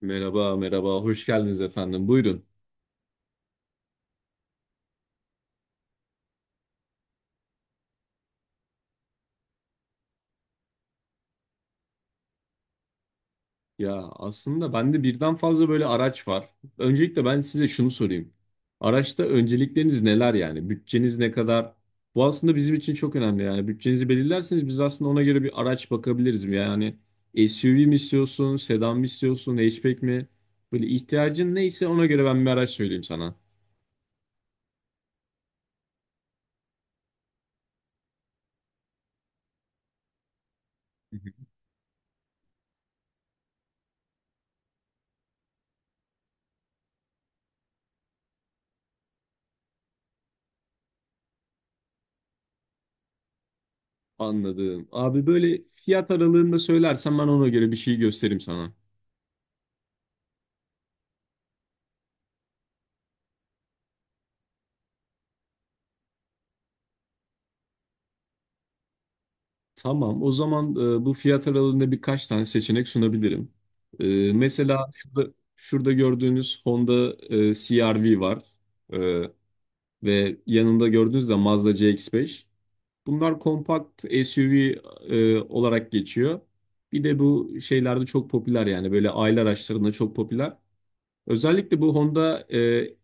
Merhaba, merhaba. Hoş geldiniz efendim. Buyurun. Ya aslında bende birden fazla böyle araç var. Öncelikle ben size şunu sorayım. Araçta öncelikleriniz neler yani? Bütçeniz ne kadar? Bu aslında bizim için çok önemli yani. Bütçenizi belirlerseniz biz aslında ona göre bir araç bakabiliriz. Yani SUV mi istiyorsun, sedan mı istiyorsun, hatchback mi? Böyle ihtiyacın neyse ona göre ben bir araç söyleyeyim sana. Hı hı. Anladım. Abi böyle fiyat aralığında söylersen ben ona göre bir şey göstereyim sana. Tamam, o zaman bu fiyat aralığında birkaç tane seçenek sunabilirim. Mesela şurada gördüğünüz Honda CR-V var. E, Ve yanında gördüğünüz de Mazda CX-5. Bunlar kompakt SUV olarak geçiyor. Bir de bu şeylerde çok popüler yani böyle aile araçlarında çok popüler. Özellikle bu Honda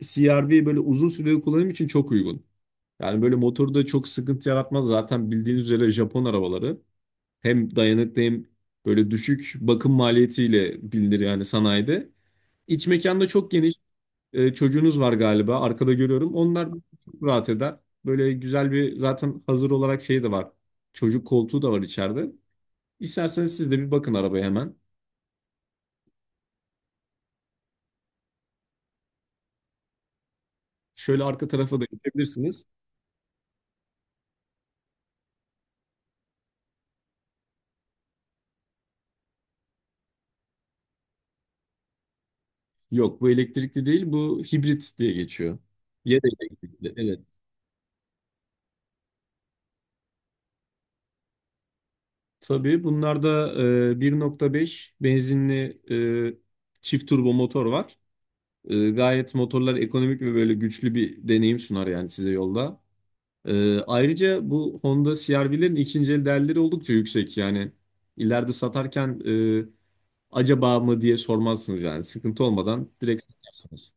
CR-V böyle uzun süreli kullanım için çok uygun. Yani böyle motorda çok sıkıntı yaratmaz, zaten bildiğiniz üzere Japon arabaları. Hem dayanıklı hem böyle düşük bakım maliyetiyle bilinir yani sanayide. İç mekanda çok geniş. Çocuğunuz var galiba. Arkada görüyorum. Onlar çok rahat eder. Böyle güzel bir zaten hazır olarak şey de var. Çocuk koltuğu da var içeride. İsterseniz siz de bir bakın arabaya hemen. Şöyle arka tarafa da geçebilirsiniz. Yok, bu elektrikli değil, bu hibrit diye geçiyor. Ya da elektrikli, evet. Tabii bunlarda 1.5 benzinli çift turbo motor var. Gayet motorlar ekonomik ve böyle güçlü bir deneyim sunar yani size yolda. Ayrıca bu Honda CR-V'lerin ikinci el değerleri oldukça yüksek. Yani ileride satarken e, acaba mı diye sormazsınız yani. Sıkıntı olmadan direkt satarsınız.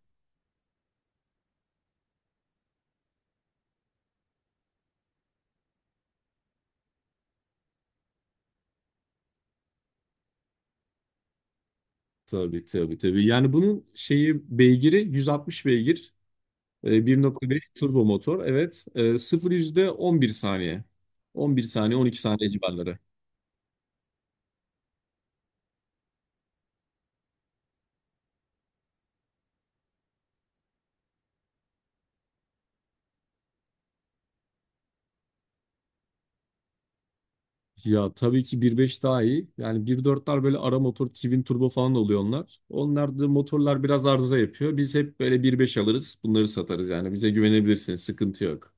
Tabii tabii tabii. Yani bunun şeyi beygiri 160 beygir. 1.5 turbo motor. Evet. 0 yüzde 11 saniye. 11 saniye, 12 saniye civarları. Ya tabii ki bir nokta beş daha iyi. Yani bir nokta dörtler böyle ara motor, twin turbo falan oluyor onlar. Onlar da motorlar biraz arıza yapıyor. Biz hep böyle bir nokta beş alırız, bunları satarız yani. Bize güvenebilirsiniz, sıkıntı yok.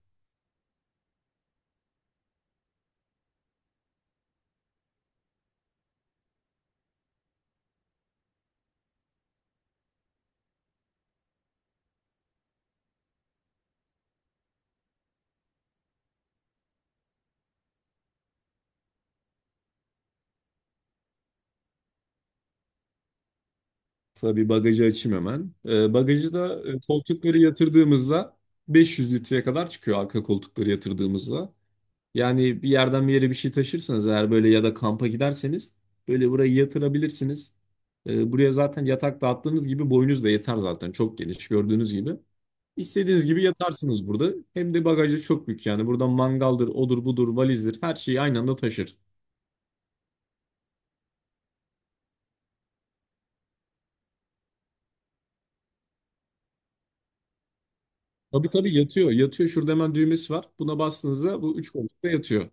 Tabii bagajı açayım hemen. Bagajı da koltukları yatırdığımızda 500 litreye kadar çıkıyor arka koltukları yatırdığımızda. Yani bir yerden bir yere bir şey taşırsanız eğer, böyle ya da kampa giderseniz böyle burayı yatırabilirsiniz. Buraya zaten yatak dağıttığınız gibi boyunuz da yeter zaten, çok geniş gördüğünüz gibi. İstediğiniz gibi yatarsınız burada. Hem de bagajı çok büyük yani. Buradan mangaldır, odur budur, valizdir, her şeyi aynı anda taşır. Tabii tabii yatıyor. Yatıyor. Şurada hemen düğmesi var. Buna bastığınızda bu üç koltukta yatıyor.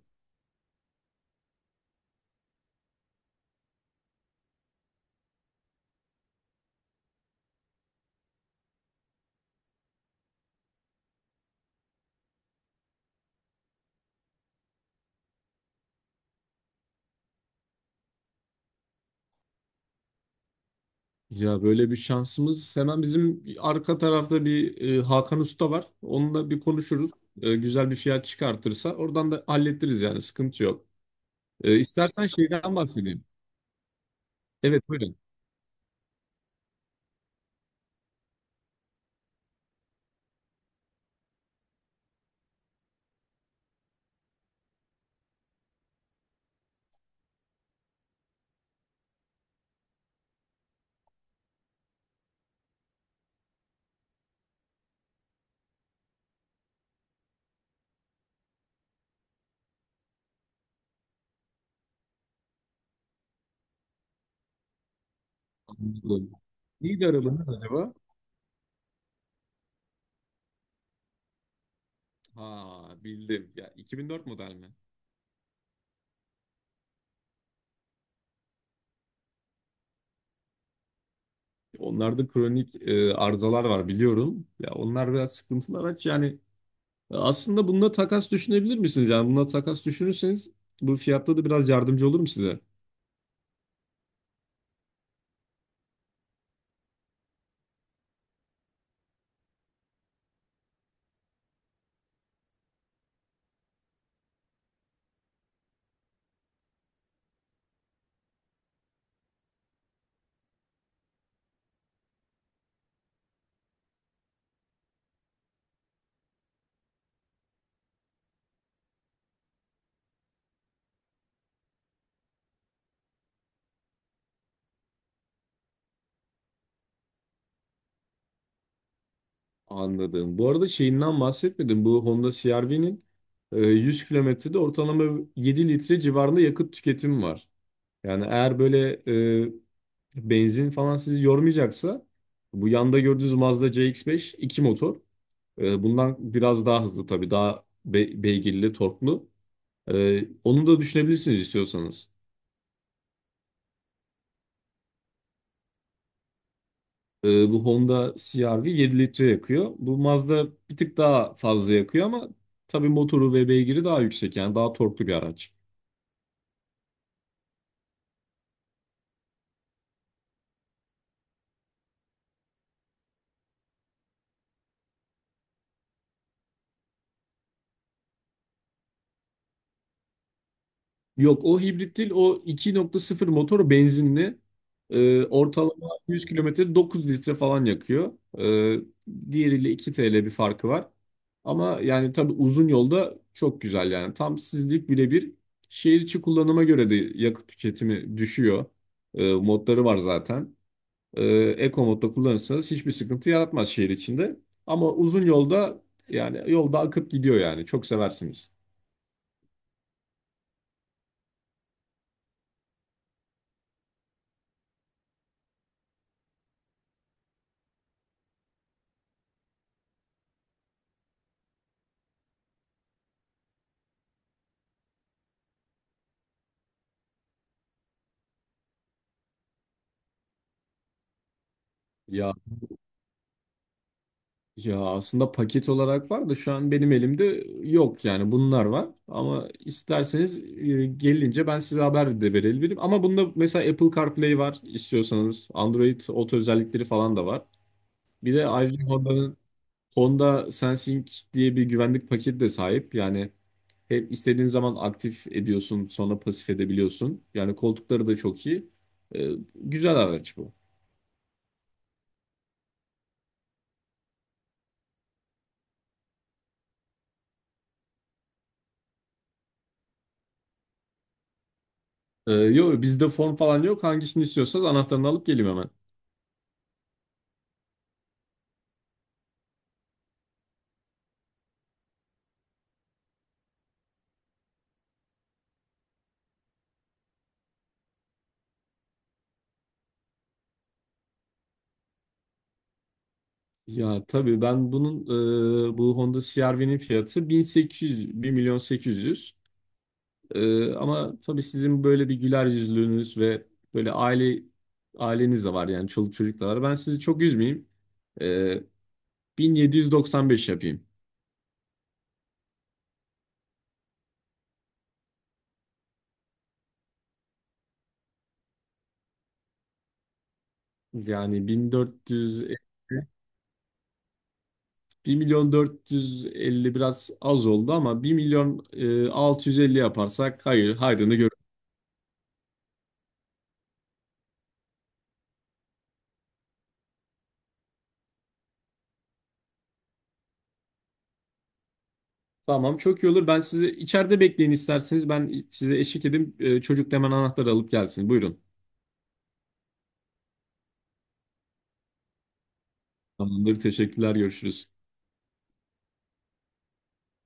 Ya böyle bir şansımız. Hemen bizim arka tarafta bir Hakan Usta var. Onunla bir konuşuruz. Güzel bir fiyat çıkartırsa oradan da hallettiririz yani, sıkıntı yok. İstersen şeyden bahsedeyim. Evet, buyurun. Anladım. Neydi arabanız acaba? Ha, bildim. Ya 2004 model mi? Onlarda kronik arızalar var biliyorum. Ya onlar biraz sıkıntılı araç. Yani aslında bununla takas düşünebilir misiniz? Yani bununla takas düşünürseniz bu fiyatta da biraz yardımcı olurum size. Anladım. Bu arada şeyinden bahsetmedim. Bu Honda CR-V'nin 100 kilometrede ortalama 7 litre civarında yakıt tüketimi var. Yani eğer böyle benzin falan sizi yormayacaksa bu yanda gördüğünüz Mazda CX-5 2 motor. Bundan biraz daha hızlı tabii. Daha beygirli, torklu. Onu da düşünebilirsiniz istiyorsanız. Ee, Bu Honda CR-V 7 litre yakıyor. Bu Mazda bir tık daha fazla yakıyor ama tabii motoru ve beygiri daha yüksek yani daha torklu bir araç. Yok, o hibrit değil, o 2.0 motor benzinli. Ortalama 100 kilometre 9 litre falan yakıyor. Ee, Diğeriyle 2 TL bir farkı var. Ama yani tabii uzun yolda çok güzel yani tam sizlik birebir. Şehir içi kullanıma göre de yakıt tüketimi düşüyor. Modları var zaten. e, Eco modda kullanırsanız hiçbir sıkıntı yaratmaz şehir içinde. Ama uzun yolda yani yolda akıp gidiyor yani. Çok seversiniz. Ya Ya aslında paket olarak var da şu an benim elimde yok yani, bunlar var. Ama isterseniz gelince ben size haber de verebilirim. Ama bunda mesela Apple CarPlay var istiyorsanız. Android Auto özellikleri falan da var. Bir de ayrıca Honda'nın Honda Sensing diye bir güvenlik paketi de sahip. Yani hep istediğin zaman aktif ediyorsun, sonra pasif edebiliyorsun. Yani koltukları da çok iyi. E, Güzel araç bu. Yok, bizde form falan yok. Hangisini istiyorsanız anahtarını alıp geleyim hemen. Ya tabii ben bunun bu Honda CR-V'nin fiyatı 1800, 1 milyon 800. Ama tabii sizin böyle bir güler yüzlülüğünüz ve böyle aileniz de var yani, çoluk çocuk da var. Ben sizi çok üzmeyeyim. E, 1795 yapayım. Yani 1400, 1 milyon 450 biraz az oldu ama 1 milyon 650 yaparsak hayır hayrını. Tamam, çok iyi olur. Ben sizi içeride bekleyin isterseniz. Ben size eşlik edeyim. Çocuk da hemen anahtarı alıp gelsin. Buyurun. Tamamdır. Teşekkürler. Görüşürüz.